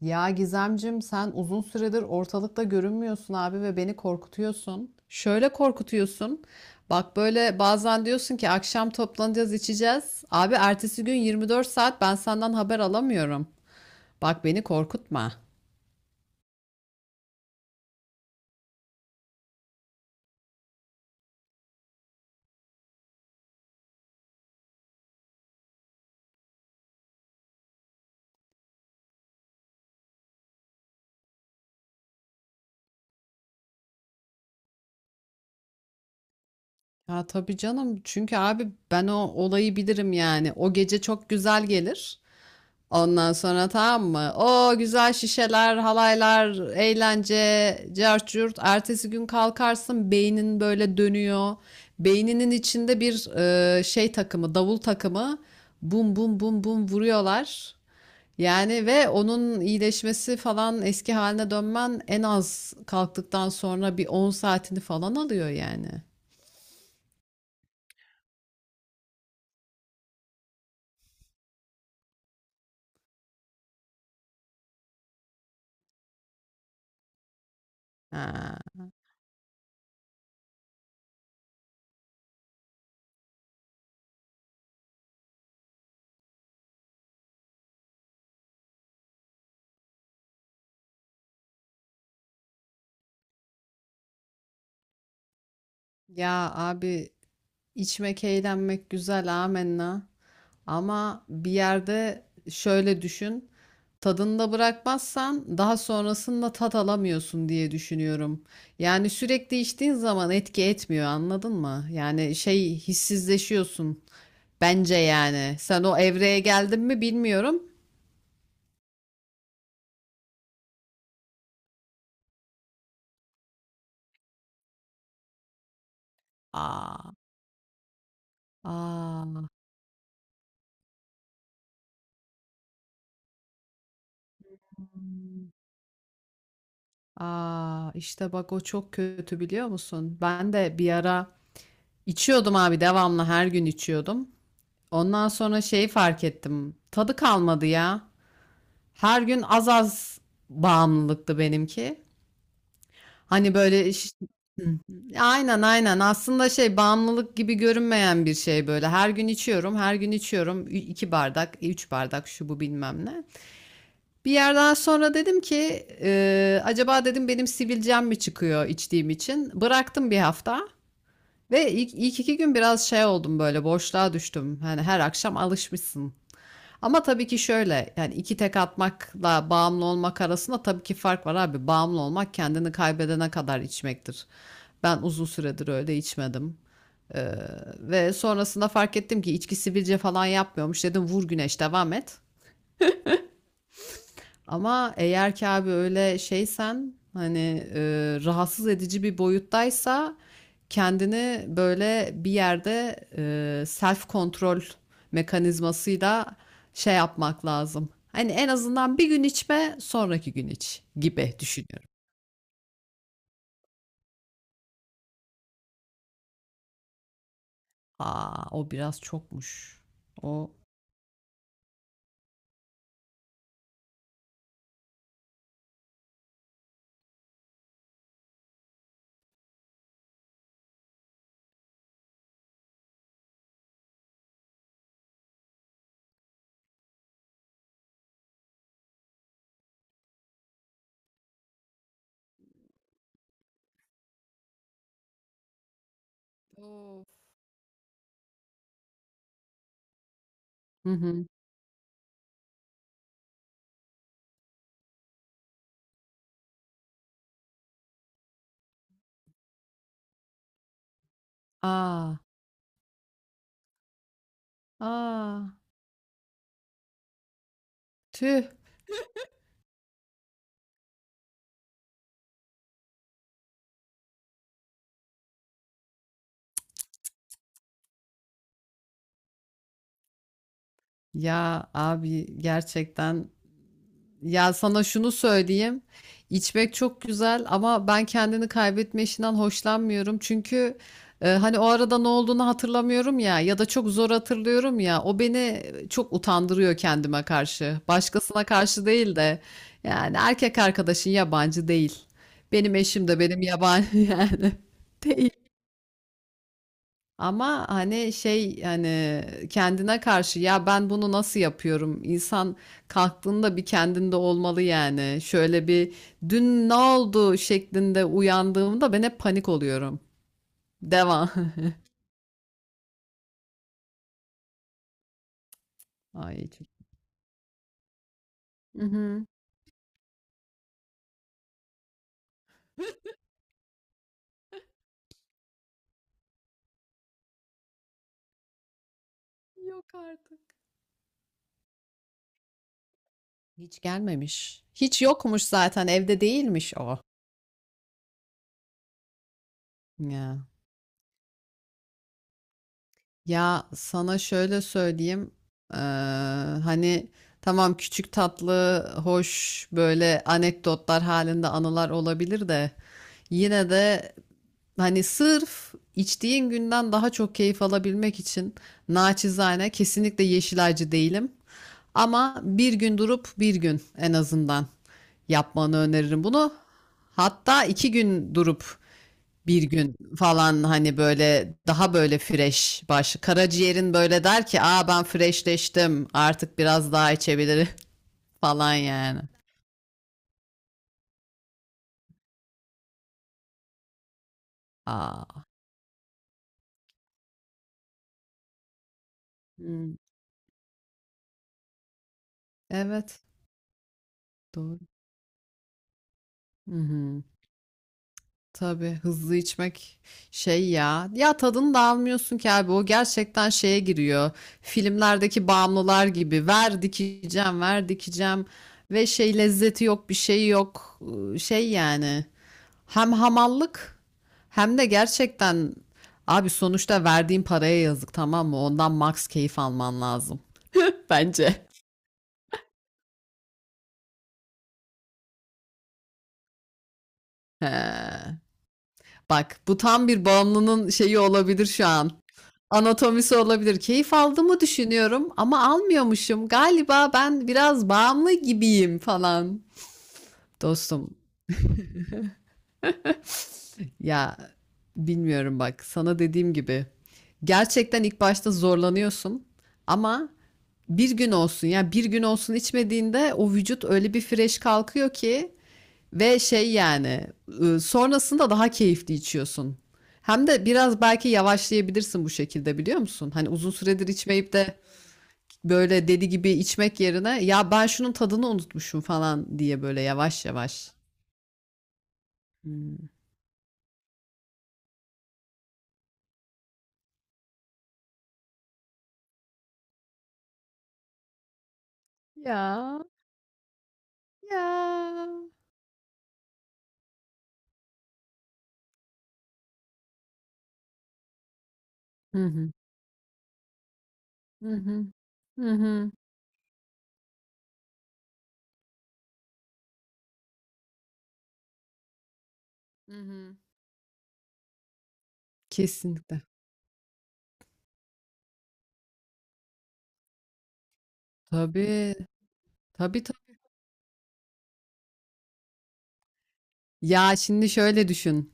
Ya Gizemcim sen uzun süredir ortalıkta görünmüyorsun abi ve beni korkutuyorsun. Şöyle korkutuyorsun. Bak böyle bazen diyorsun ki akşam toplanacağız içeceğiz. Abi ertesi gün 24 saat ben senden haber alamıyorum. Bak beni korkutma. Ya tabii canım çünkü abi ben o olayı bilirim yani. O gece çok güzel gelir. Ondan sonra tamam mı? O güzel şişeler, halaylar, eğlence, cart curt. Ertesi gün kalkarsın beynin böyle dönüyor. Beyninin içinde bir şey takımı, davul takımı. Bum bum bum bum vuruyorlar. Yani ve onun iyileşmesi falan eski haline dönmen en az kalktıktan sonra bir 10 saatini falan alıyor yani. Ha. Ya abi, İçmek, eğlenmek güzel, amenna. Ama bir yerde şöyle düşün. Tadında bırakmazsan daha sonrasında tat alamıyorsun diye düşünüyorum. Yani sürekli içtiğin zaman etki etmiyor, anladın mı? Yani şey hissizleşiyorsun. Bence yani. Sen o evreye geldin mi bilmiyorum. Aa, aa, aa. İşte bak o çok kötü biliyor musun? Ben de bir ara içiyordum abi devamlı her gün içiyordum. Ondan sonra şeyi fark ettim. Tadı kalmadı ya. Her gün az az bağımlılıktı benimki. Hani böyle hı. Aynen aynen. Aslında şey bağımlılık gibi görünmeyen bir şey böyle. Her gün içiyorum, her gün içiyorum. İki bardak, üç bardak şu bu bilmem ne. Bir yerden sonra dedim ki acaba dedim benim sivilcem mi çıkıyor içtiğim için? Bıraktım bir hafta ve ilk 2 gün biraz şey oldum böyle boşluğa düştüm. Hani her akşam alışmışsın. Ama tabii ki şöyle yani 2 tek atmakla bağımlı olmak arasında tabii ki fark var abi. Bağımlı olmak kendini kaybedene kadar içmektir. Ben uzun süredir öyle içmedim. Ee, ve sonrasında fark ettim ki içki sivilce falan yapmıyormuş. Dedim vur güneş devam et. Ama eğer ki abi öyle şeysen hani rahatsız edici bir boyuttaysa kendini böyle bir yerde self kontrol mekanizmasıyla şey yapmak lazım. Hani en azından bir gün içme, sonraki gün iç gibi düşünüyorum. Aa, o biraz çokmuş. O oo. Hı hı. Aa, aa, tüh. Ya abi gerçekten, ya sana şunu söyleyeyim. İçmek çok güzel ama ben kendini kaybetme işinden hoşlanmıyorum. Çünkü hani o arada ne olduğunu hatırlamıyorum ya ya da çok zor hatırlıyorum ya. O beni çok utandırıyor kendime karşı. Başkasına karşı değil de yani erkek arkadaşın yabancı değil. Benim eşim de benim yabancı yani değil. Ama hani şey hani kendine karşı ya ben bunu nasıl yapıyorum? İnsan kalktığında bir kendinde olmalı yani. Şöyle bir dün ne oldu şeklinde uyandığımda ben hep panik oluyorum. Devam. Ay çok. Hı hı. Yok artık. Hiç gelmemiş. Hiç yokmuş zaten evde değilmiş o. Ya. Ya sana şöyle söyleyeyim. eee, hani tamam küçük tatlı, hoş böyle anekdotlar halinde anılar olabilir de yine de hani sırf içtiğin günden daha çok keyif alabilmek için naçizane kesinlikle yeşilacı değilim. Ama bir gün durup bir gün en azından yapmanı öneririm bunu. Hatta 2 gün durup bir gün falan hani böyle daha böyle fresh baş. Karaciğerin böyle der ki aa ben freshleştim artık biraz daha içebilirim falan yani. Aa. Hmm, evet doğru. Hı hı. Tabii hızlı içmek şey ya. Ya tadını da almıyorsun ki abi o gerçekten şeye giriyor. Filmlerdeki bağımlılar gibi ver dikeceğim ver dikeceğim ve şey lezzeti yok bir şey yok. Şey yani. Hem hamallık hem de gerçekten abi sonuçta verdiğin paraya yazık tamam mı? Ondan max keyif alman lazım. Bence. He. Bak bu tam bir bağımlının şeyi olabilir şu an. Anatomisi olabilir. Keyif aldığımı düşünüyorum ama almıyormuşum. Galiba ben biraz bağımlı gibiyim falan. Dostum, ya bilmiyorum bak sana dediğim gibi gerçekten ilk başta zorlanıyorsun ama bir gün olsun ya bir gün olsun içmediğinde o vücut öyle bir fresh kalkıyor ki ve şey yani sonrasında daha keyifli içiyorsun. Hem de biraz belki yavaşlayabilirsin bu şekilde biliyor musun? Hani uzun süredir içmeyip de böyle deli gibi içmek yerine ya ben şunun tadını unutmuşum falan diye böyle yavaş yavaş. Hmm. Ya ya. Hı hı. Hı hı. Hı hı. Hı hı. Kesinlikle. Tabii, tabii, tabii. Ya, şimdi şöyle düşün,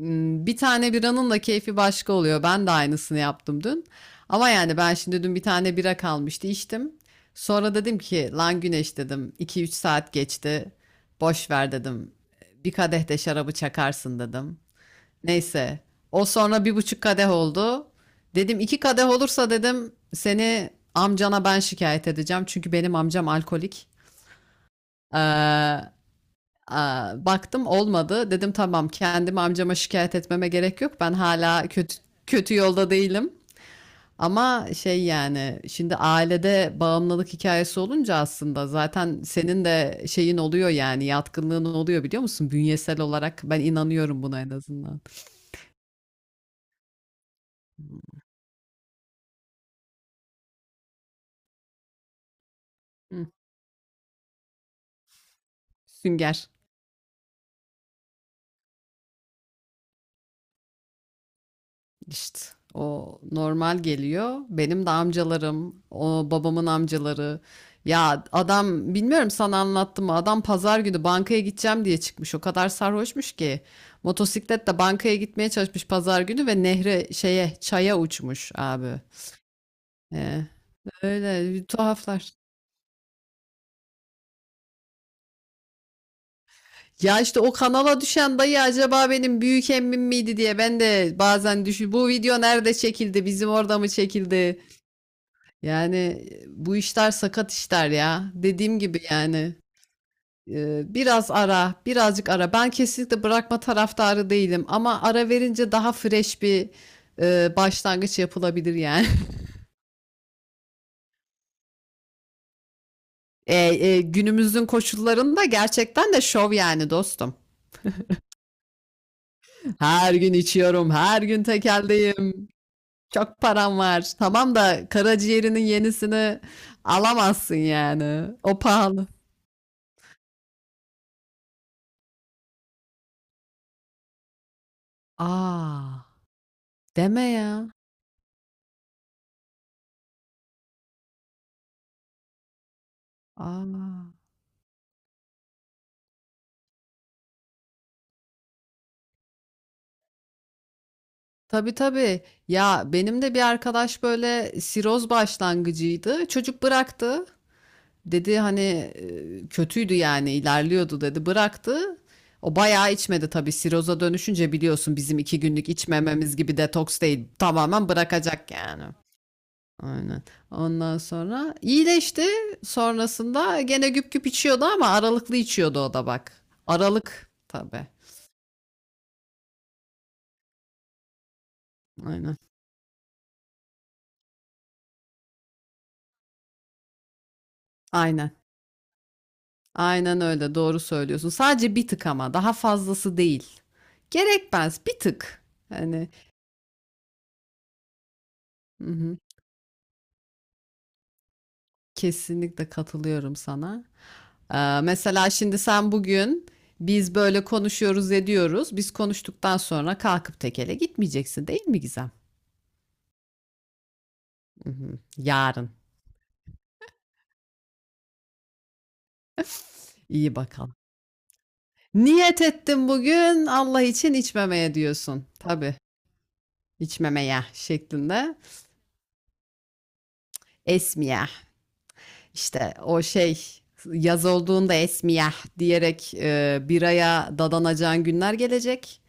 bir tane biranın da keyfi başka oluyor. Ben de aynısını yaptım dün ama yani ben şimdi dün bir tane bira kalmıştı, içtim. Sonra dedim ki, "Lan Güneş," dedim, 2-3 saat geçti. Boş ver," dedim, "bir kadeh de şarabı çakarsın," dedim. Neyse. O sonra 1,5 kadeh oldu. Dedim 2 kadeh olursa dedim seni amcana ben şikayet edeceğim. Çünkü benim amcam alkolik. Ee, aa, baktım olmadı. Dedim tamam kendim amcama şikayet etmeme gerek yok. Ben hala kötü kötü yolda değilim. Ama şey yani şimdi ailede bağımlılık hikayesi olunca aslında zaten senin de şeyin oluyor yani yatkınlığın oluyor biliyor musun? Bünyesel olarak ben inanıyorum buna en azından. Hı, sünger. İşte o normal geliyor. Benim de amcalarım, o babamın amcaları. Ya adam bilmiyorum sana anlattım mı? Adam pazar günü bankaya gideceğim diye çıkmış. O kadar sarhoşmuş ki. Motosikletle bankaya gitmeye çalışmış pazar günü ve nehre şeye çaya uçmuş abi. Ee, öyle bir tuhaflar. Ya işte o kanala düşen dayı acaba benim büyük emmim miydi diye ben de bazen düşün. Bu video nerede çekildi? Bizim orada mı çekildi? Yani bu işler sakat işler ya. Dediğim gibi yani biraz ara, birazcık ara. Ben kesinlikle bırakma taraftarı değilim ama ara verince daha fresh bir başlangıç yapılabilir yani. Günümüzün koşullarında gerçekten de şov yani dostum. Her gün içiyorum, her gün tekeldeyim. Çok param var. Tamam da karaciğerinin yenisini alamazsın yani. O pahalı. Aa, deme ya. Aa. Tabii tabii. Ya benim de bir arkadaş böyle siroz başlangıcıydı. Çocuk bıraktı. Dedi hani kötüydü yani ilerliyordu dedi. Bıraktı. O bayağı içmedi tabii. Siroza dönüşünce biliyorsun bizim 2 günlük içmememiz gibi detoks değil. Tamamen bırakacak yani. Aynen. Ondan sonra iyileşti. Sonrasında gene güp güp içiyordu ama aralıklı içiyordu o da bak. Aralık tabii. Aynen. Aynen. Aynen öyle, doğru söylüyorsun. Sadece bir tık ama daha fazlası değil. Gerekmez, bir tık. Hani hı hı, kesinlikle katılıyorum sana. Mesela şimdi sen bugün biz böyle konuşuyoruz ediyoruz. Biz konuştuktan sonra kalkıp tekele gitmeyeceksin değil mi Gizem? Hı hı, yarın. İyi bakalım. Niyet ettim bugün Allah için içmemeye diyorsun. Tabii içmemeye şeklinde. Esmiye. İşte o şey yaz olduğunda esmiyah diyerek biraya dadanacağın günler gelecek.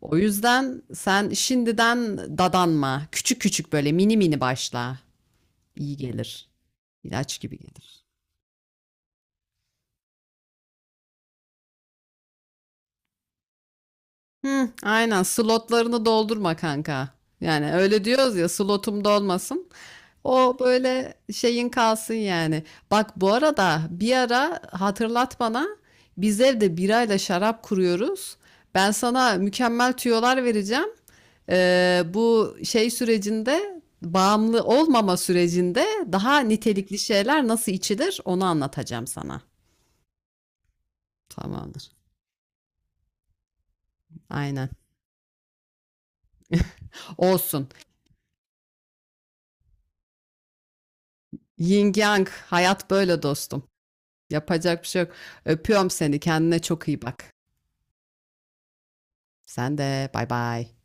O yüzden sen şimdiden dadanma. Küçük küçük böyle mini mini başla. İyi gelir. İlaç gibi gelir. Hı, aynen slotlarını doldurma kanka. Yani öyle diyoruz ya slotum dolmasın. O böyle şeyin kalsın yani. Bak bu arada bir ara hatırlat bana biz evde birayla şarap kuruyoruz. Ben sana mükemmel tüyolar vereceğim. Bu şey sürecinde bağımlı olmama sürecinde daha nitelikli şeyler nasıl içilir onu anlatacağım sana. Tamamdır. Aynen. Olsun. Yin Yang hayat böyle dostum. Yapacak bir şey yok. Öpüyorum seni. Kendine çok iyi bak. Sen de bay bay.